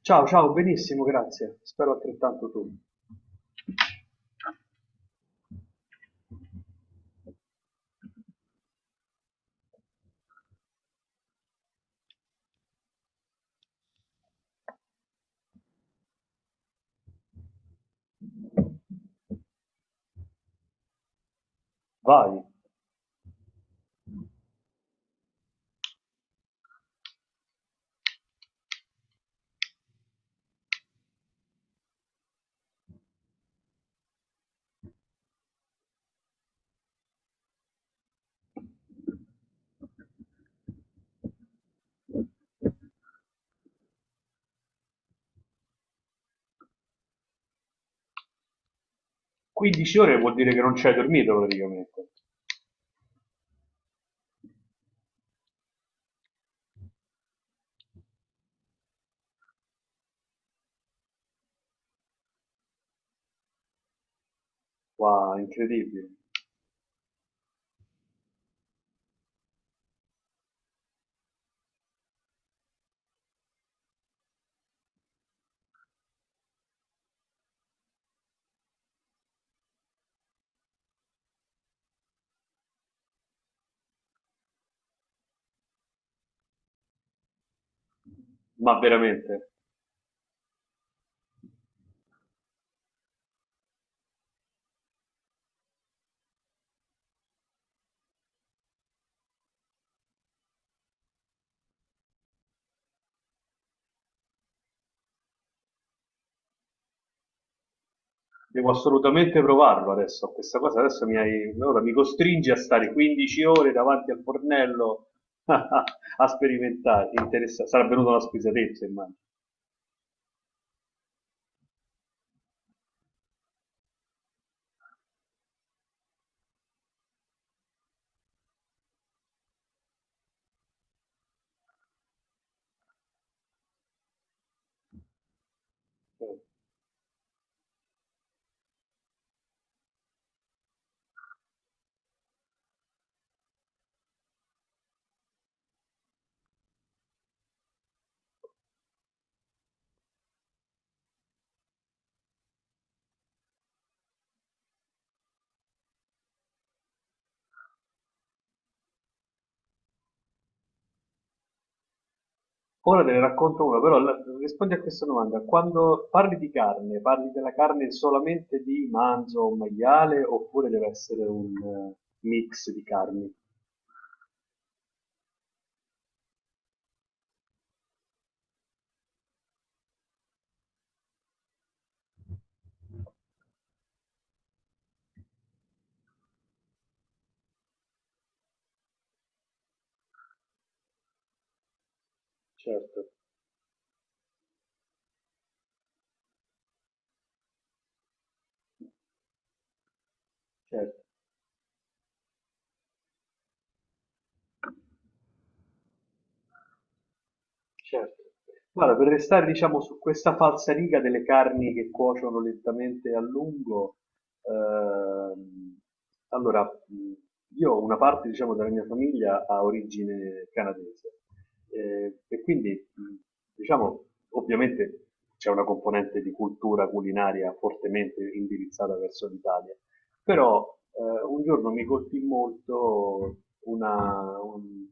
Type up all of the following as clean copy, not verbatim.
Ciao, ciao, benissimo, grazie. Spero altrettanto tu. Vai. 15 ore vuol dire che non ci hai dormito praticamente. Wow, incredibile. Ma veramente, devo assolutamente provarlo adesso. Questa cosa adesso mi hai. Ora mi costringi a stare 15 ore davanti al fornello a sperimentare. Interessa. Sarà venuta una spesatezza, immagino. Eh, Ora te ne racconto una, però rispondi a questa domanda. Quando parli di carne, parli della carne solamente di manzo o maiale oppure deve essere un mix di carni? Certo. Certo. Certo. Guarda, per restare, diciamo, su questa falsariga delle carni che cuociono lentamente a lungo, ehm, allora, io una parte, diciamo, della mia famiglia ha origine canadese e quindi, diciamo, ovviamente c'è una componente di cultura culinaria fortemente indirizzata verso l'Italia, però un giorno mi colpì molto una, un-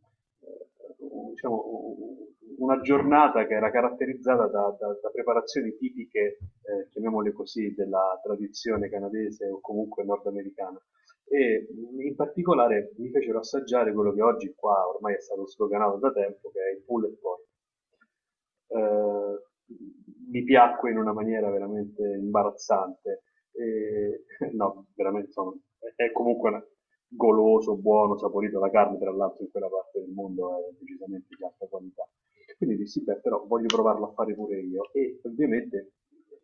diciamo, un- una giornata che era caratterizzata da preparazioni tipiche, chiamiamole così, della tradizione canadese o comunque nordamericana. E in particolare mi fecero assaggiare quello che oggi qua ormai è stato sloganato da tempo, che è il pulled pork. Eh, Mi piacque in una maniera veramente imbarazzante. E, no, veramente sono, è comunque goloso, buono, saporito la carne, tra l'altro in quella parte del mondo è decisamente di alta qualità. Quindi dissi, beh, però voglio provarlo a fare pure io. E ovviamente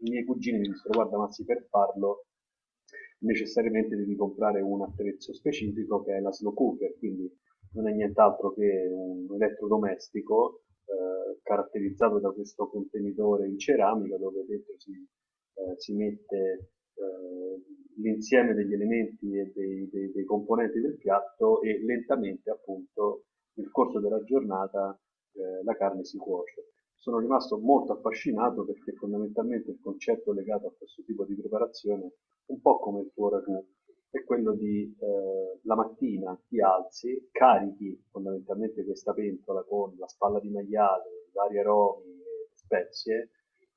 i miei cugini mi dissero, guarda, Mazzi, per farlo necessariamente devi comprare un attrezzo specifico che è la slow cooker, quindi non è nient'altro che un elettrodomestico caratterizzato da questo contenitore in ceramica dove dentro si mette eh, l'insieme degli elementi e dei componenti del piatto e lentamente appunto nel corso della giornata la carne si cuoce. Sono rimasto molto affascinato perché fondamentalmente il concetto legato a questo tipo di preparazione, un po' come il tuo ragù, è quello di la mattina ti alzi, carichi fondamentalmente questa pentola con la spalla di maiale, vari aromi e spezie,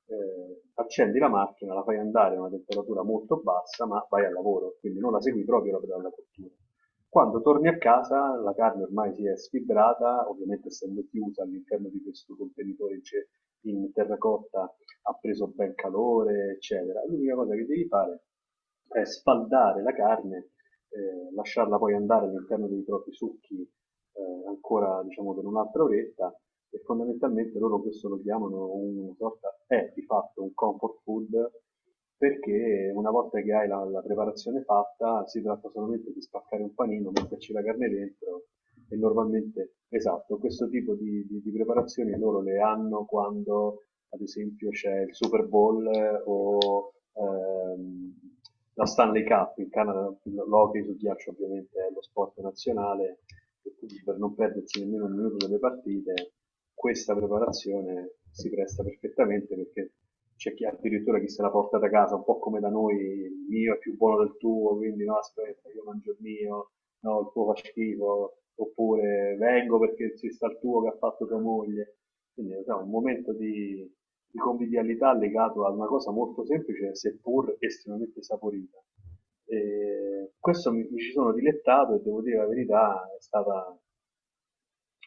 accendi la macchina, la fai andare a una temperatura molto bassa, ma vai al lavoro, quindi non la segui proprio la pedana cottura. Quando torni a casa la carne ormai si è sfibrata, ovviamente essendo chiusa all'interno di questo contenitore in terracotta ha preso ben calore, eccetera. L'unica cosa che devi fare è sfaldare la carne, lasciarla poi andare all'interno dei propri succhi ancora diciamo per un'altra oretta e fondamentalmente loro questo lo chiamano una sorta, è di fatto un comfort food perché una volta che hai la preparazione fatta si tratta solamente di spaccare un panino, metterci la carne dentro e normalmente, esatto, questo tipo di preparazioni loro le hanno quando ad esempio c'è il Super Bowl o la Stanley Cup, in Canada l'hockey su ghiaccio ovviamente è lo sport nazionale e quindi per non perdersi nemmeno un minuto delle partite, questa preparazione si presta perfettamente perché c'è chi addirittura chi se la porta da casa, un po' come da noi, il mio è più buono del tuo, quindi no, aspetta, io mangio il mio, no, il tuo fa schifo, oppure vengo perché ci sta il tuo che ha fatto tua moglie. Quindi è un momento di convivialità legato a una cosa molto semplice, seppur estremamente saporita. E questo mi ci sono dilettato e devo dire la verità, è stata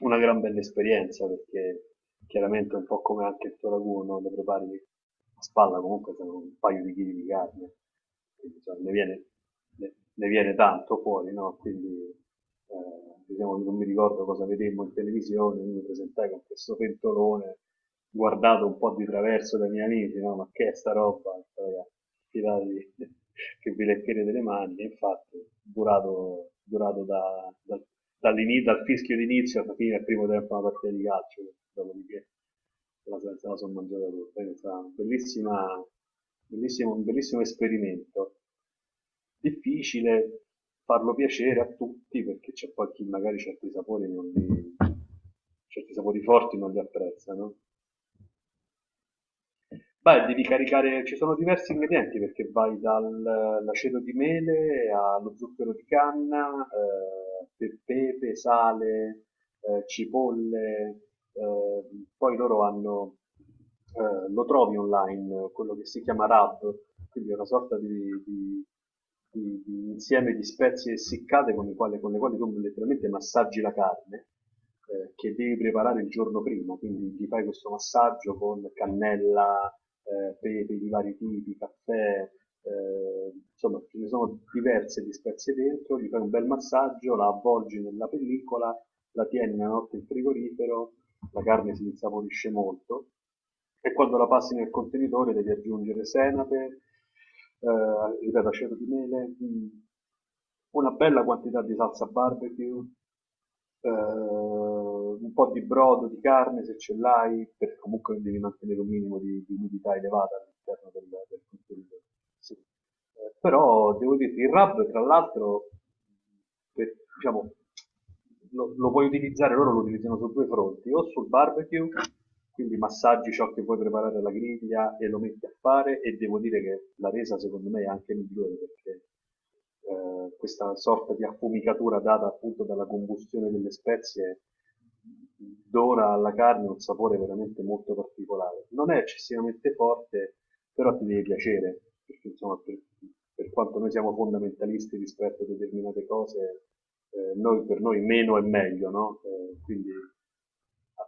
una gran bella esperienza perché chiaramente un po' come anche il tuo ragù, no? Lo prepari a spalla comunque sono un paio di chili di carne, quindi insomma, ne viene tanto fuori, no? Quindi diciamo, non mi ricordo cosa vedemmo in televisione, mi presentai con questo pentolone guardato un po' di traverso dai miei amici, no? Ma che è sta roba? Ragazzi, tiratevi che vi leccherete delle mani. E infatti, durato dal fischio d'inizio alla fine del primo tempo una partita di calcio, dopodiché se la sono mangiata tutta. Quindi è stata un bellissimo esperimento. Difficile farlo piacere a tutti perché c'è poi chi magari certi sapori forti non li apprezzano. Beh, devi caricare, ci sono diversi ingredienti perché vai dall'aceto di mele allo zucchero di canna, pepe, sale, cipolle, eh, poi loro hanno, lo trovi online, quello che si chiama rub, quindi è una sorta di- di insieme di spezie essiccate con le quali tu letteralmente massaggi la carne che devi preparare il giorno prima, quindi gli fai questo massaggio con cannella, pepe di vari tipi, caffè, insomma ce ne sono diverse dispezie dentro, gli fai un bel massaggio, la avvolgi nella pellicola, la tieni una notte in frigorifero, la carne si insaporisce molto e quando la passi nel contenitore devi aggiungere senape, ripeto, aceto di mele, una bella quantità di salsa barbecue, un po' di brodo, di carne se ce l'hai, perché comunque devi mantenere un minimo di umidità elevata all'interno del contenitore. Sì. Però devo dirti, il rub tra l'altro, diciamo, lo puoi utilizzare, loro lo utilizzano su due fronti, o sul barbecue, quindi massaggi ciò che vuoi preparare alla griglia e lo metti a fare e devo dire che la resa secondo me è anche migliore perché questa sorta di affumicatura data appunto dalla combustione delle spezie dona alla carne un sapore veramente molto particolare. Non è eccessivamente forte, però ti deve piacere, perché insomma per quanto noi siamo fondamentalisti rispetto a determinate cose, per noi meno è meglio, no? Quindi, ah,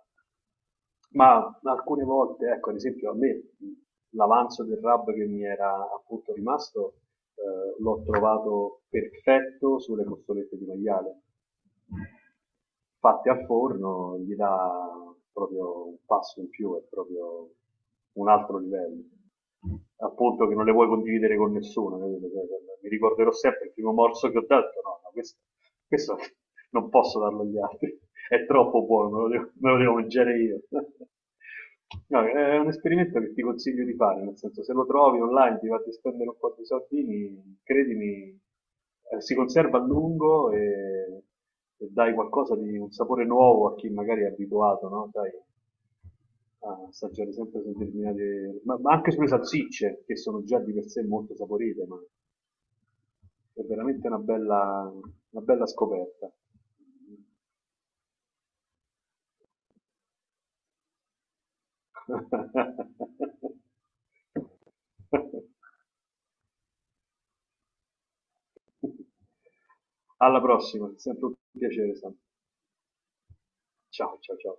ma alcune volte, ecco, ad esempio a me l'avanzo del RAB che mi era appunto rimasto l'ho trovato perfetto sulle costolette di maiale. Fatte al forno gli dà proprio un passo in più, è proprio un altro livello. Appunto che non le vuoi condividere con nessuno, capito? Cioè, mi ricorderò sempre il primo morso che ho dato, no, no questo non posso darlo agli altri, è troppo buono, me lo devo mangiare io. No, è un esperimento che ti consiglio di fare, nel senso se lo trovi online, ti va di spendere un po' di soldini, credimi, si conserva a lungo e, dai qualcosa di un sapore nuovo a chi magari è abituato, no? Sai, a assaggiare sempre su determinate, ma anche sulle salsicce, che sono già di per sé molto saporite, ma è veramente una bella scoperta. Alla prossima, è sempre un piacere Sam, ciao ciao ciao.